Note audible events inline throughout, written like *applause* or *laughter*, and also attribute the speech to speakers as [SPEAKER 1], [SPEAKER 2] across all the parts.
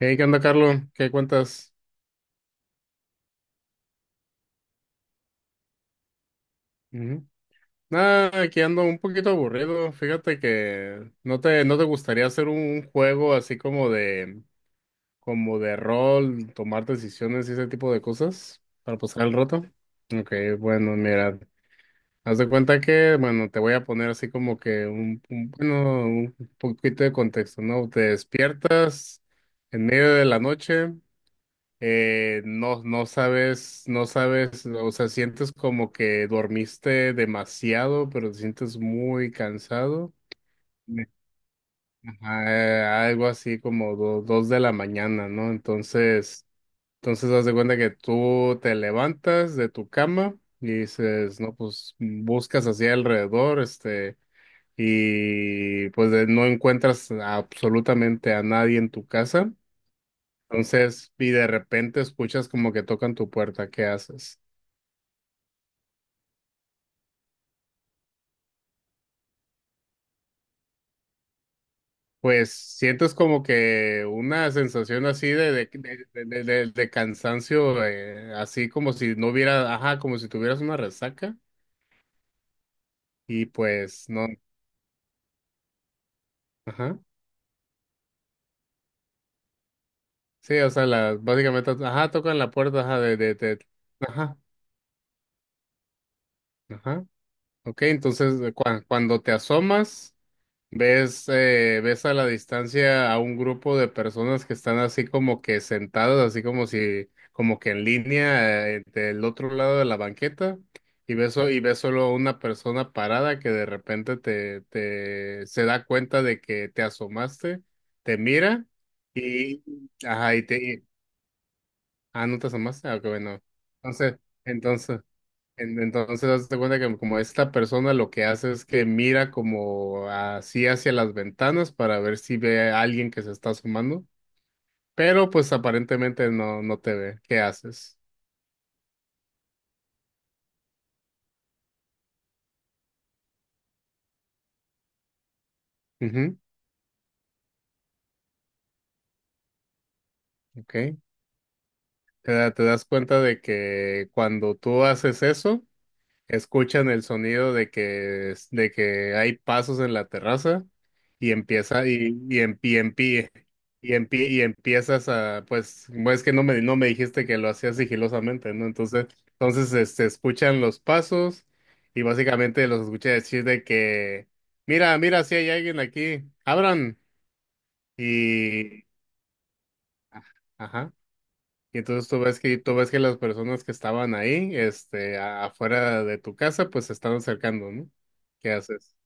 [SPEAKER 1] Hey, ¿qué onda, Carlos? ¿Qué cuentas? Ujú. Nada, aquí ando un poquito aburrido. Fíjate que no te gustaría hacer un juego así como de rol, tomar decisiones y ese tipo de cosas para pasar el rato. Ok, bueno, mira, haz de cuenta que, bueno, te voy a poner así como que bueno, un poquito de contexto, ¿no? Te despiertas en medio de la noche. No, no sabes, o sea, sientes como que dormiste demasiado, pero te sientes muy cansado. Me- Ajá, algo así como 2 de la mañana, ¿no? Entonces haz de cuenta que tú te levantas de tu cama y dices, no, pues buscas hacia alrededor, este, y pues no encuentras absolutamente a nadie en tu casa. Entonces, y de repente escuchas como que tocan tu puerta, ¿qué haces? Pues sientes como que una sensación así de cansancio, así como si no hubiera, ajá, como si tuvieras una resaca y pues no, ajá, sí, o sea, básicamente, ajá, tocan la puerta, ajá, ajá, ajá, ok, entonces cuando te asomas. Ves, a la distancia a un grupo de personas que están así como que sentadas, así como si, como que en línea, del otro lado de la banqueta, y ves, solo a una persona parada que de repente te se da cuenta de que te asomaste, te mira, y ajá, ah, no te asomaste, ah, qué bueno. Entonces, entonces, Entonces, hazte cuenta que como esta persona lo que hace es que mira como así hacia las ventanas para ver si ve a alguien que se está asomando, pero pues aparentemente no te ve. ¿Qué haces? Ujú, ok. Te das cuenta de que cuando tú haces eso, escuchan el sonido de que, de que hay pasos en la terraza y empieza y, y, en, y, en pie- y empiezas a, pues, bueno, es que no me dijiste que lo hacías sigilosamente, ¿no? Entonces este, escuchan los pasos y básicamente los escuché decir de que, mira, mira, si hay alguien aquí, abran y, ajá. Y entonces tú ves que las personas que estaban ahí, afuera de tu casa, pues se están acercando, ¿no? ¿Qué haces?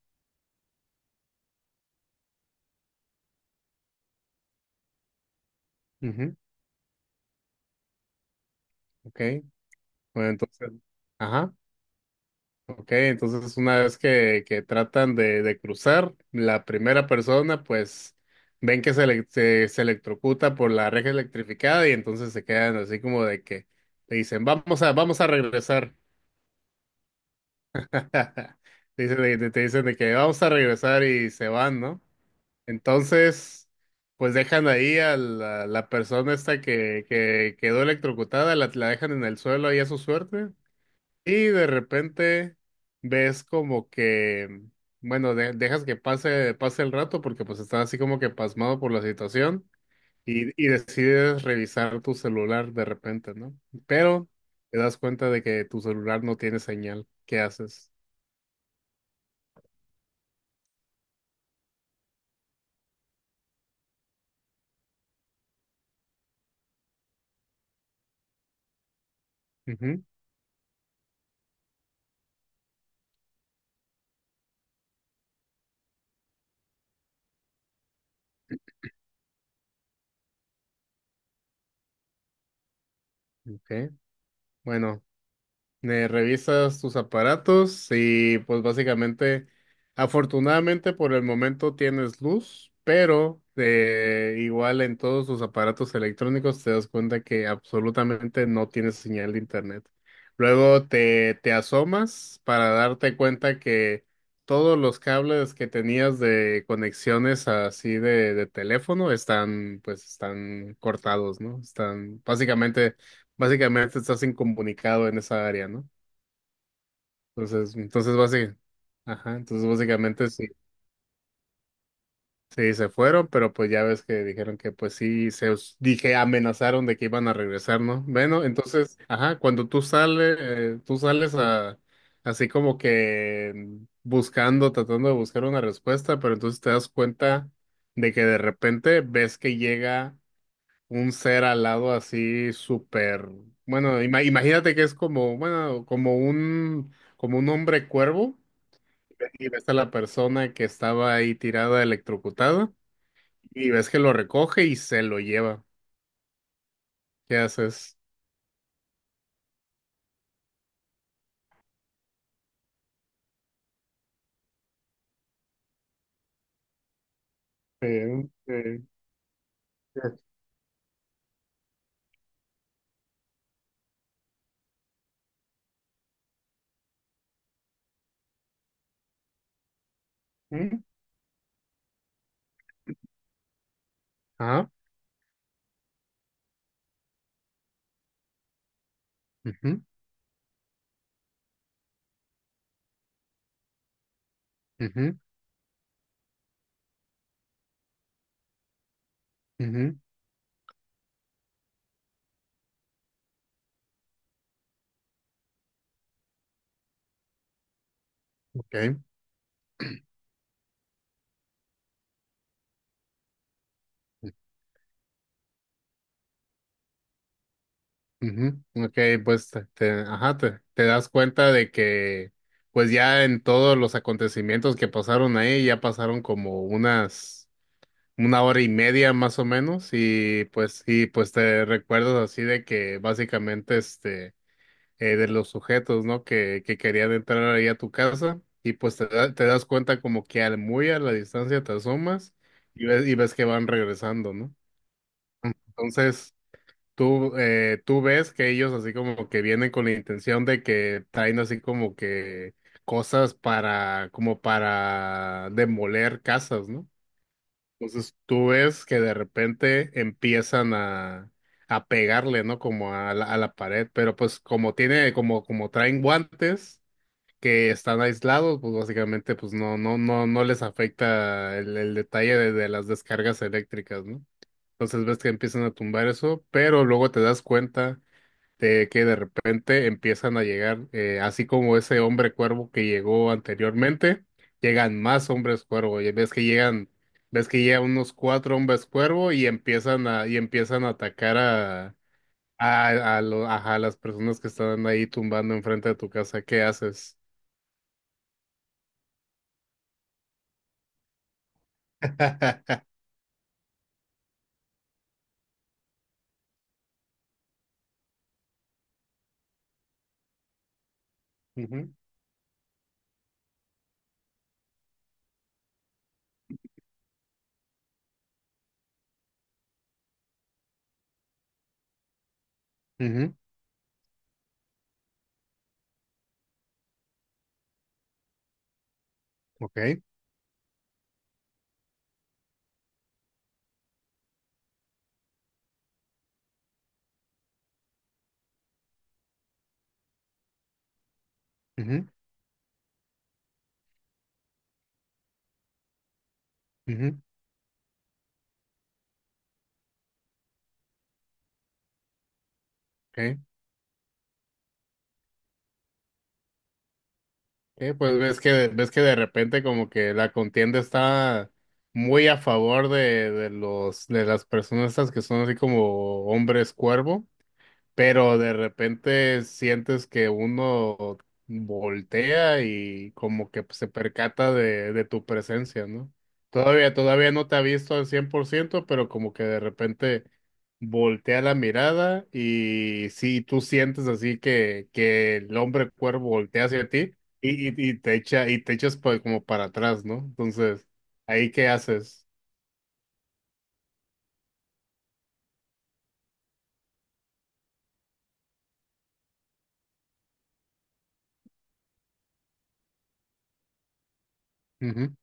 [SPEAKER 1] Ujú, ok. Bueno, entonces, ajá, ok. Entonces, una vez que, tratan de cruzar, la primera persona, pues, ven que se electrocuta por la reja electrificada y entonces se quedan así como de que te dicen, vamos a regresar. *laughs* Te dicen, te dicen de que vamos a regresar y se van, ¿no? Entonces, pues dejan ahí a la persona esta que, quedó electrocutada, la dejan en el suelo ahí a su suerte. Y de repente ves como que, bueno, dejas que pase, pase el rato porque pues estás así como que pasmado por la situación y decides revisar tu celular de repente, ¿no? Pero te das cuenta de que tu celular no tiene señal. ¿Qué haces? Ujú, ok. Bueno, revisas tus aparatos y pues básicamente, afortunadamente por el momento tienes luz, pero igual en todos tus aparatos electrónicos te das cuenta que absolutamente no tienes señal de internet. Luego te asomas para darte cuenta que todos los cables que tenías de conexiones así de teléfono están, pues están cortados, ¿no? Están básicamente. Básicamente estás incomunicado en esa área, ¿no? Entonces básicamente, ajá, entonces básicamente sí, sí se fueron, pero pues ya ves que dijeron que pues sí, amenazaron de que iban a regresar, ¿no? Bueno, entonces, ajá, cuando tú sales a, así como que mm, buscando, tratando de buscar una respuesta, pero entonces te das cuenta de que de repente ves que llega un ser alado así súper, bueno, imagínate que es como, bueno, como un hombre cuervo y ves a la persona que estaba ahí tirada electrocutada y ves que lo recoge y se lo lleva. ¿Qué haces? Eh, eh, eh, Ajá. Ujú, ujú, ujú, ok, ujú, ok, pues ajá, te das cuenta de que pues ya en todos los acontecimientos que pasaron ahí ya pasaron como una hora y media más o menos y pues te recuerdas así de que básicamente de los sujetos, ¿no? Que querían entrar ahí a tu casa y pues te das cuenta como que al muy a la distancia te asomas y ves que van regresando, ¿no? Entonces tú ves que ellos así como que vienen con la intención de que traen así como que cosas para, como para demoler casas, ¿no? Entonces tú ves que de repente empiezan a pegarle, ¿no? Como a a la pared, pero pues como tiene, como, como traen guantes que están aislados, pues básicamente pues no les afecta el detalle de las descargas eléctricas, ¿no? Entonces ves que empiezan a tumbar eso, pero luego te das cuenta de que de repente empiezan a llegar, así como ese hombre cuervo que llegó anteriormente, llegan más hombres cuervo, y ves que llegan unos cuatro hombres cuervo y empiezan a atacar a, ajá, a las personas que están ahí tumbando enfrente de tu casa, ¿qué haces? *laughs* Ujú, ujú, ok, ujú, ujú, ok. Pues ves que de repente como que la contienda está muy a favor de las personas estas que son así como hombres cuervo, pero de repente sientes que uno voltea y como que se percata de tu presencia, ¿no? Todavía, todavía no te ha visto al 100%, pero como que de repente voltea la mirada y sí, tú sientes así que el hombre cuervo voltea hacia ti y te echa, y te echas pues como para atrás, ¿no? Entonces, ¿ahí qué haces? Ujú.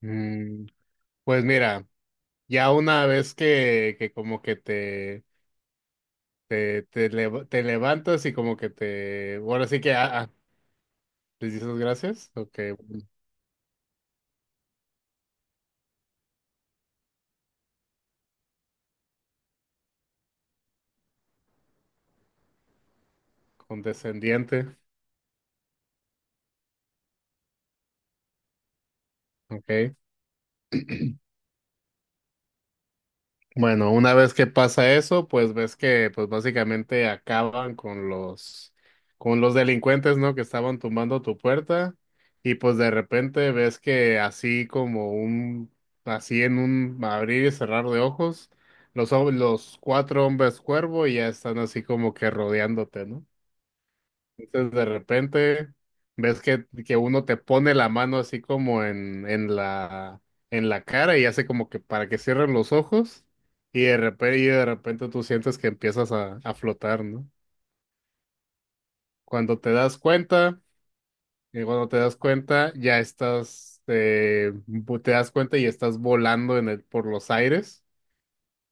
[SPEAKER 1] Mm, pues mira, ya una vez que como que te, te levantas y como que te. Bueno, sí que. Ah, ah, ¿les dices gracias? Ok, condescendiente. Ok. Bueno, una vez que pasa eso, pues ves que pues básicamente acaban con los. Con los delincuentes, ¿no? Que estaban tumbando tu puerta y pues de repente ves que así como un. Así en un abrir y cerrar de ojos, los cuatro hombres cuervo ya están así como que rodeándote, ¿no? Entonces de repente ves que uno te pone la mano así como en, en la cara y hace como que para que cierren los ojos y de repente tú sientes que empiezas a flotar, ¿no? Cuando te das cuenta, y cuando te das cuenta ya estás, te das cuenta y estás volando en el, por los aires.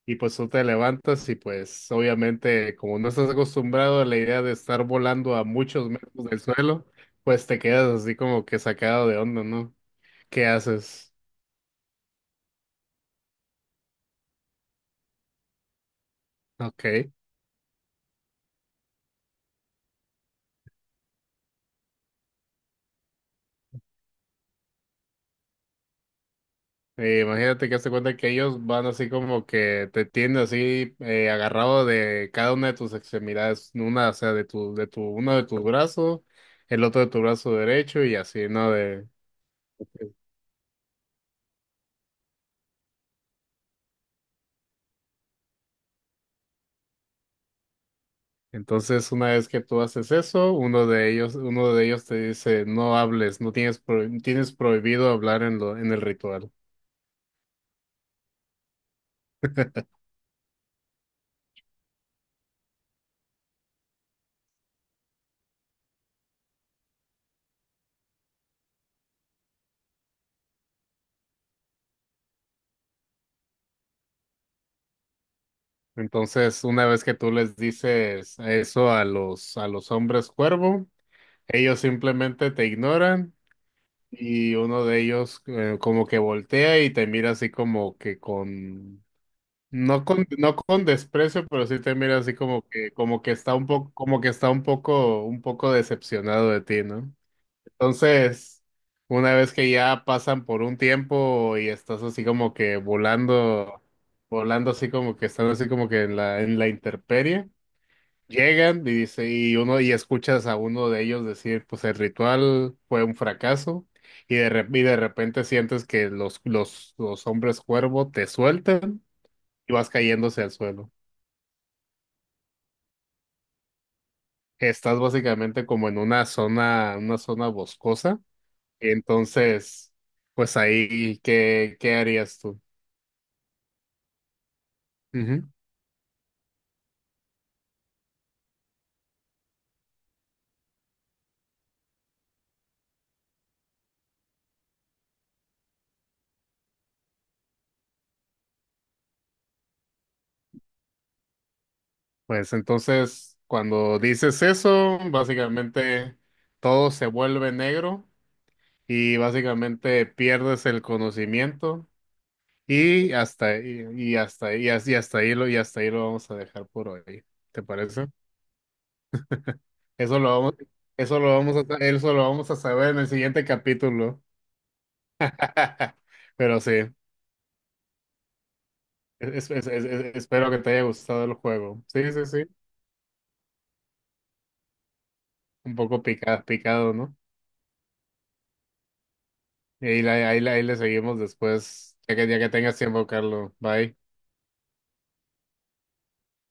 [SPEAKER 1] Y pues tú te levantas y pues obviamente como no estás acostumbrado a la idea de estar volando a muchos metros del suelo, pues te quedas así como que sacado de onda, ¿no? ¿Qué haces? Ok. Imagínate que hazte cuenta que ellos van así como que te tienen así agarrado de cada una de tus extremidades, una, o sea, uno de tus brazos, el otro de tu brazo derecho y así, ¿no? De. Entonces, una vez que tú haces eso, uno de ellos te dice, no hables, no tienes, pro- tienes prohibido hablar en en el ritual. Entonces, una vez que tú les dices eso a a los hombres cuervo, ellos simplemente te ignoran y uno de ellos como que voltea y te mira así como que con, no con desprecio, pero sí te mira así como que está un poco, como que está un poco decepcionado de ti, ¿no? Entonces, una vez que ya pasan por un tiempo y estás así como que volando, volando así como que están así como que en en la intemperie, llegan y dice, y uno, y escuchas a uno de ellos decir, pues el ritual fue un fracaso, y de repente sientes que los hombres cuervo te sueltan y vas cayéndose al suelo. Estás básicamente como en una zona boscosa. Entonces, pues ahí, ¿qué, harías tú? Ujú. Pues entonces, cuando dices eso, básicamente todo se vuelve negro y básicamente pierdes el conocimiento y hasta ahí lo vamos a dejar por hoy. ¿Te parece? Eso lo vamos, eso lo vamos a saber en el siguiente capítulo. *laughs* Pero sí, espero que te haya gustado el juego. Sí, sí, sí. Un poco picado, picado, ¿no? Y ahí le seguimos después, ya que, tengas tiempo, Carlos. Bye.